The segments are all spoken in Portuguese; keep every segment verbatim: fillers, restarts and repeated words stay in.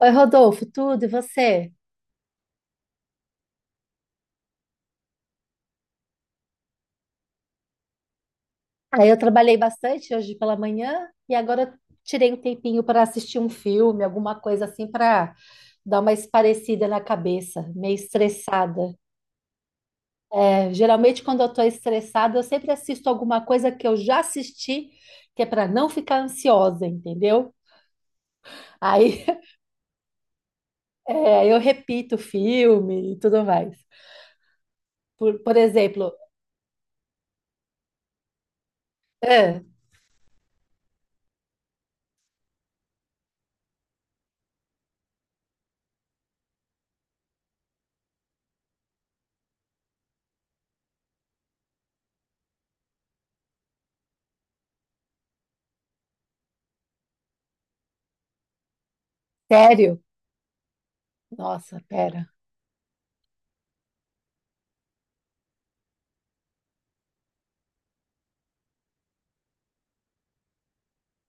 Oi, Rodolfo, tudo e você? Aí eu trabalhei bastante hoje pela manhã e agora eu tirei um tempinho para assistir um filme, alguma coisa assim para dar uma esparecida na cabeça, meio estressada. É, geralmente quando eu estou estressada, eu sempre assisto alguma coisa que eu já assisti, que é para não ficar ansiosa, entendeu? Aí é, eu repito o filme e tudo mais. Por, por exemplo, ah, sério? Nossa, pera.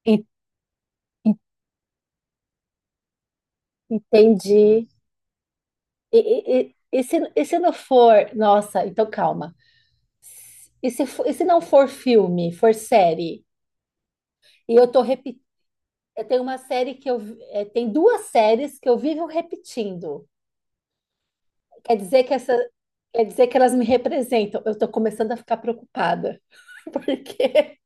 En- en- Entendi. E, e, e, e se, e se não for, nossa, então calma. E se, fo- e se não for filme, for série? E eu tô repetindo. Tem uma série que eu. vi- eh, Tem duas séries que eu vivo repetindo. Quer dizer que essa. Quer dizer que elas me representam. Eu tô começando a ficar preocupada. Porque.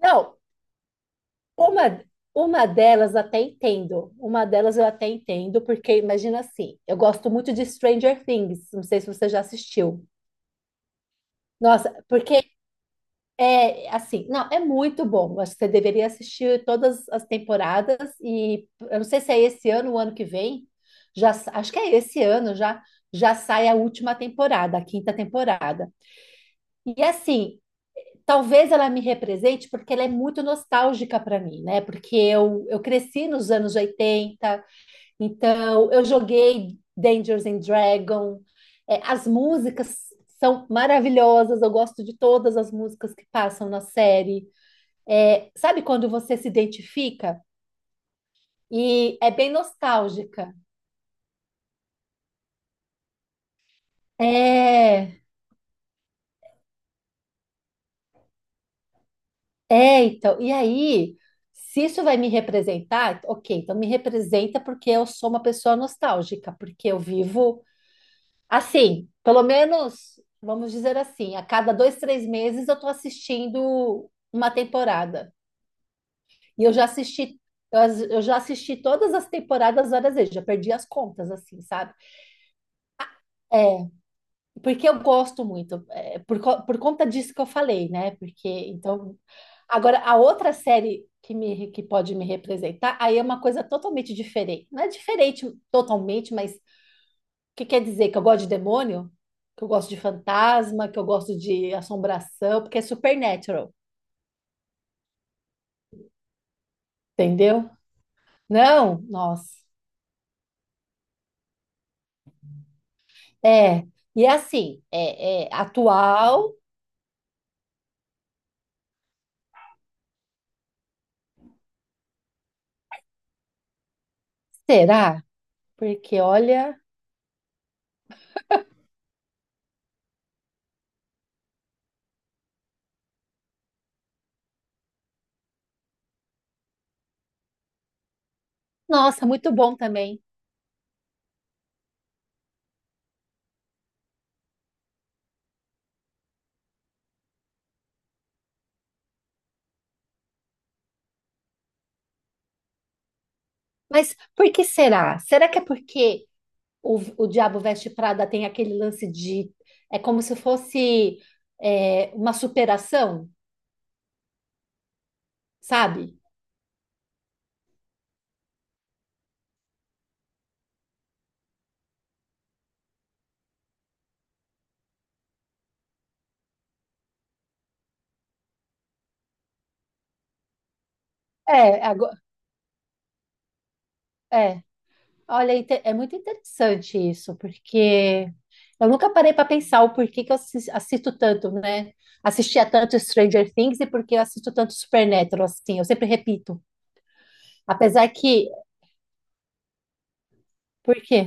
Não, uma, uma delas até entendo. Uma delas eu até entendo, porque imagina assim, eu gosto muito de Stranger Things. Não sei se você já assistiu. Nossa, porque é, assim, não, é muito bom. Acho que você deveria assistir todas as temporadas e eu não sei se é esse ano ou ano que vem. Já sa- acho que é esse ano já já sai a última temporada, a quinta temporada. E assim, talvez ela me represente porque ela é muito nostálgica para mim, né? Porque eu, eu cresci nos anos oitenta, então eu joguei Dungeons and Dragons. É, as músicas são maravilhosas, eu gosto de todas as músicas que passam na série. É, sabe quando você se identifica? E é bem nostálgica. É, é, então. E aí, se isso vai me representar, ok, então me representa porque eu sou uma pessoa nostálgica, porque eu vivo assim, pelo menos, vamos dizer assim, a cada dois, três meses eu estou assistindo uma temporada. E eu já assisti, eu, as- eu já assisti todas as temporadas várias vezes, já perdi as contas, assim, sabe? É, porque eu gosto muito, é, por, co- por conta disso que eu falei, né? Porque, então, agora, a outra série que, me, que pode me representar, aí é uma coisa totalmente diferente. Não é diferente totalmente, mas o que quer dizer? Que eu gosto de demônio? Que eu gosto de fantasma? Que eu gosto de assombração? Porque é supernatural, entendeu? Não? Nossa. É, e assim, é é atual, será? Porque, olha. Nossa, muito bom também. Mas por que será? Será que é porque o, o Diabo Veste Prada tem aquele lance de. É como se fosse é, uma superação, sabe? É, agora, é. Olha, é inte- é muito interessante isso, porque eu nunca parei para pensar o porquê que eu assis- assisto tanto, né? Assistia tanto Stranger Things e porque eu assisto tanto Supernatural, assim, eu sempre repito. Apesar que. Por quê?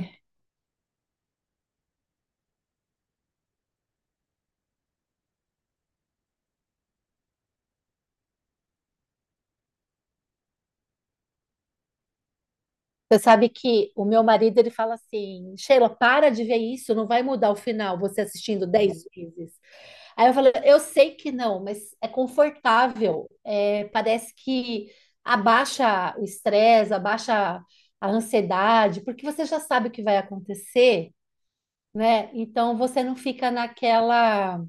Você sabe que o meu marido ele fala assim, Sheila, para de ver isso, não vai mudar o final, você assistindo dez vezes. Aí eu falei, eu sei que não, mas é confortável, é, parece que abaixa o estresse, abaixa a ansiedade, porque você já sabe o que vai acontecer, né? Então você não fica naquela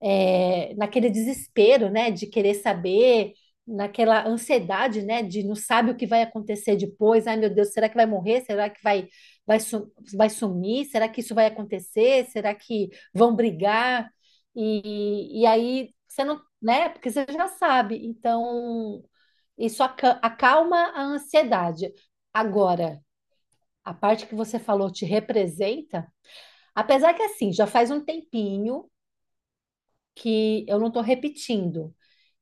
é, naquele desespero, né, de querer saber, naquela ansiedade, né, de não sabe o que vai acontecer depois. Ai, meu Deus, será que vai morrer? Será que vai, vai, su- vai sumir? Será que isso vai acontecer? Será que vão brigar? E, e aí você não, né, porque você já sabe. Então, isso aca- acalma a ansiedade. Agora, a parte que você falou te representa, apesar que assim, já faz um tempinho que eu não estou repetindo.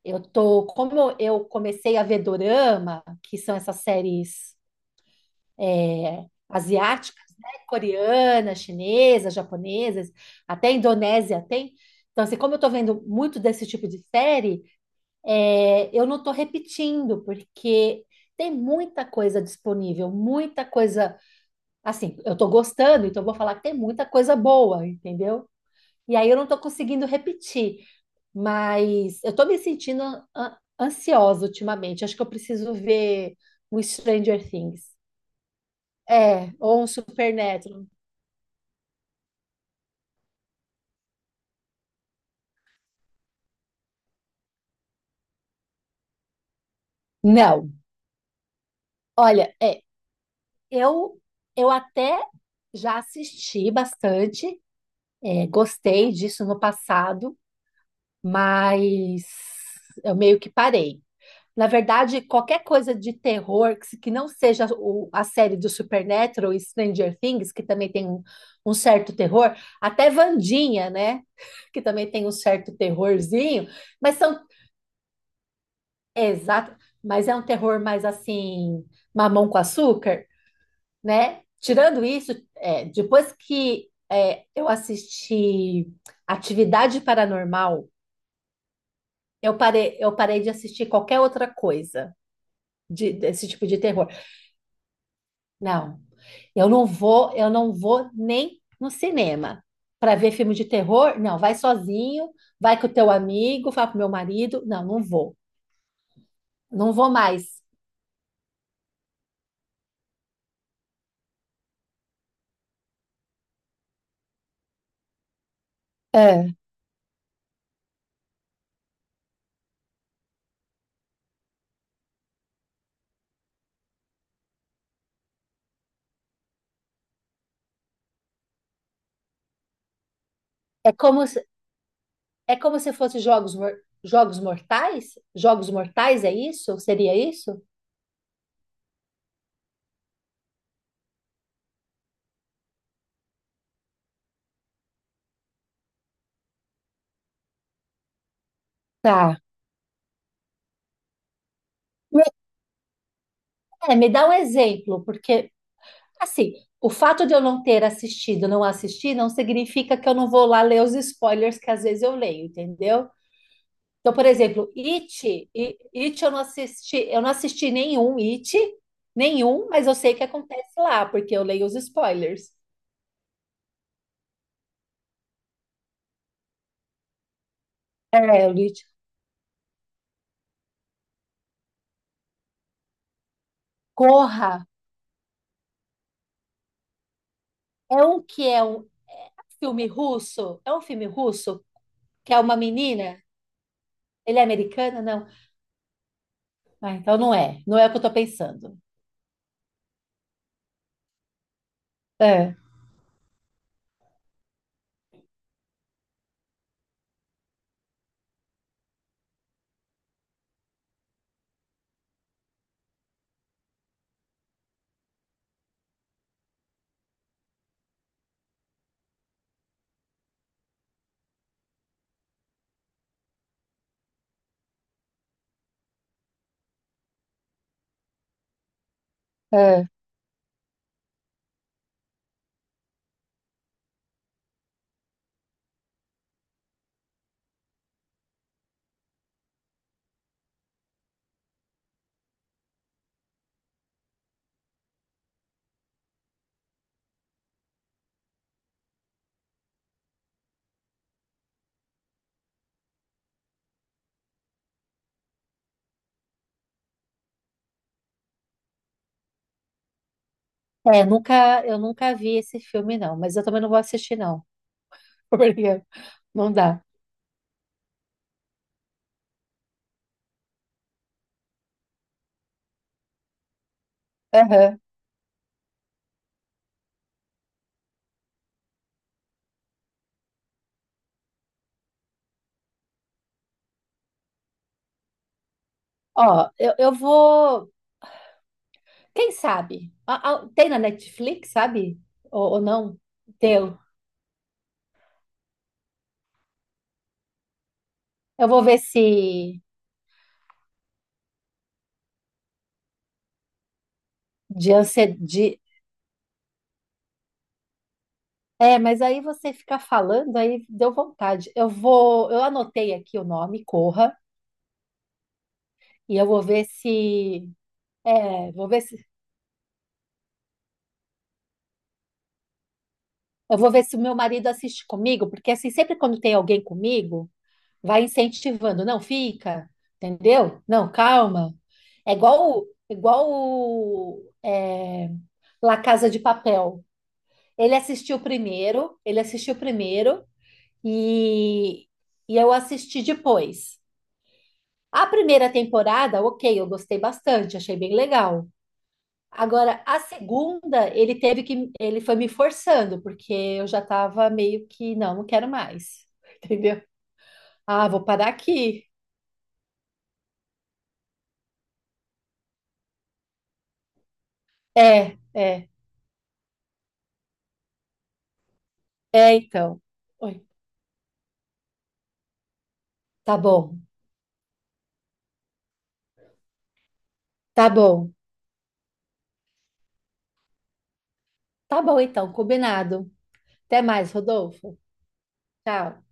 Eu tô, como eu eu comecei a ver dorama, que são essas séries é, asiáticas, né? Coreana, chinesa, japonesas, até Indonésia tem. Então, assim, como eu tô vendo muito desse tipo de série, é, eu não tô repetindo, porque tem muita coisa disponível, muita coisa, assim, eu tô gostando, então eu vou falar que tem muita coisa boa, entendeu? E aí eu não estou conseguindo repetir, mas eu estou me sentindo an- ansiosa ultimamente. Acho que eu preciso ver um Stranger Things. É, ou um Supernatural. Não, olha, é, eu, eu até já assisti bastante, é, gostei disso no passado, mas eu meio que parei. Na verdade, qualquer coisa de terror que se- que não seja o- a série do Supernatural e Stranger Things, que também tem um, um certo terror, até Vandinha, né? Que também tem um certo terrorzinho, mas são exato, mas é um terror mais assim, mamão com açúcar, né? Tirando isso, é, depois que é, eu assisti Atividade Paranormal, eu parei, eu parei de assistir qualquer outra coisa de- desse tipo de terror. Não. Eu não vou, eu não vou nem no cinema para ver filme de terror. Não, vai sozinho, vai com o teu amigo, vai com o meu marido. Não, não vou. Não vou mais. É. É como se, é como se fosse jogos mor- jogos mortais? Jogos mortais é isso? Seria isso? Tá. Me É, me dá um exemplo, porque assim, o fato de eu não ter assistido, não assistir, não significa que eu não vou lá ler os spoilers que às vezes eu leio, entendeu? Então, por exemplo, It, I- It eu não assisti, eu não assisti nenhum It, nenhum, mas eu sei o que acontece lá, porque eu leio os spoilers. É, o It. Corra é um que é um filme russo, é um filme russo que é uma menina, ele é americano? Não. Ah, então não é, não é o que eu tô pensando. É, é. É, nunca, eu nunca vi esse filme, não, mas eu também não vou assistir, não, porque não dá. Aham. Ó, eu, eu vou. Quem sabe? A- a- Tem na Netflix, sabe? Ou, ou não? Teu. Eu vou ver se de ansiedade. É, mas aí você ficar falando, aí deu vontade. Eu vou, eu anotei aqui o nome, Corra, e eu vou ver se, é, vou ver se, eu vou ver se o meu marido assiste comigo, porque assim, sempre quando tem alguém comigo, vai incentivando, não fica, entendeu? Não, calma. É igual, o- igual o, é, La Casa de Papel. Ele assistiu primeiro, ele assistiu primeiro e, e eu assisti depois. A primeira temporada, ok, eu gostei bastante, achei bem legal. Agora, a segunda, ele teve que, ele foi me forçando, porque eu já estava meio que, não, não quero mais, entendeu? Ah, vou parar aqui. É, é, é, então. Oi, tá bom, tá bom, tá bom, então, combinado. Até mais, Rodolfo. Tchau.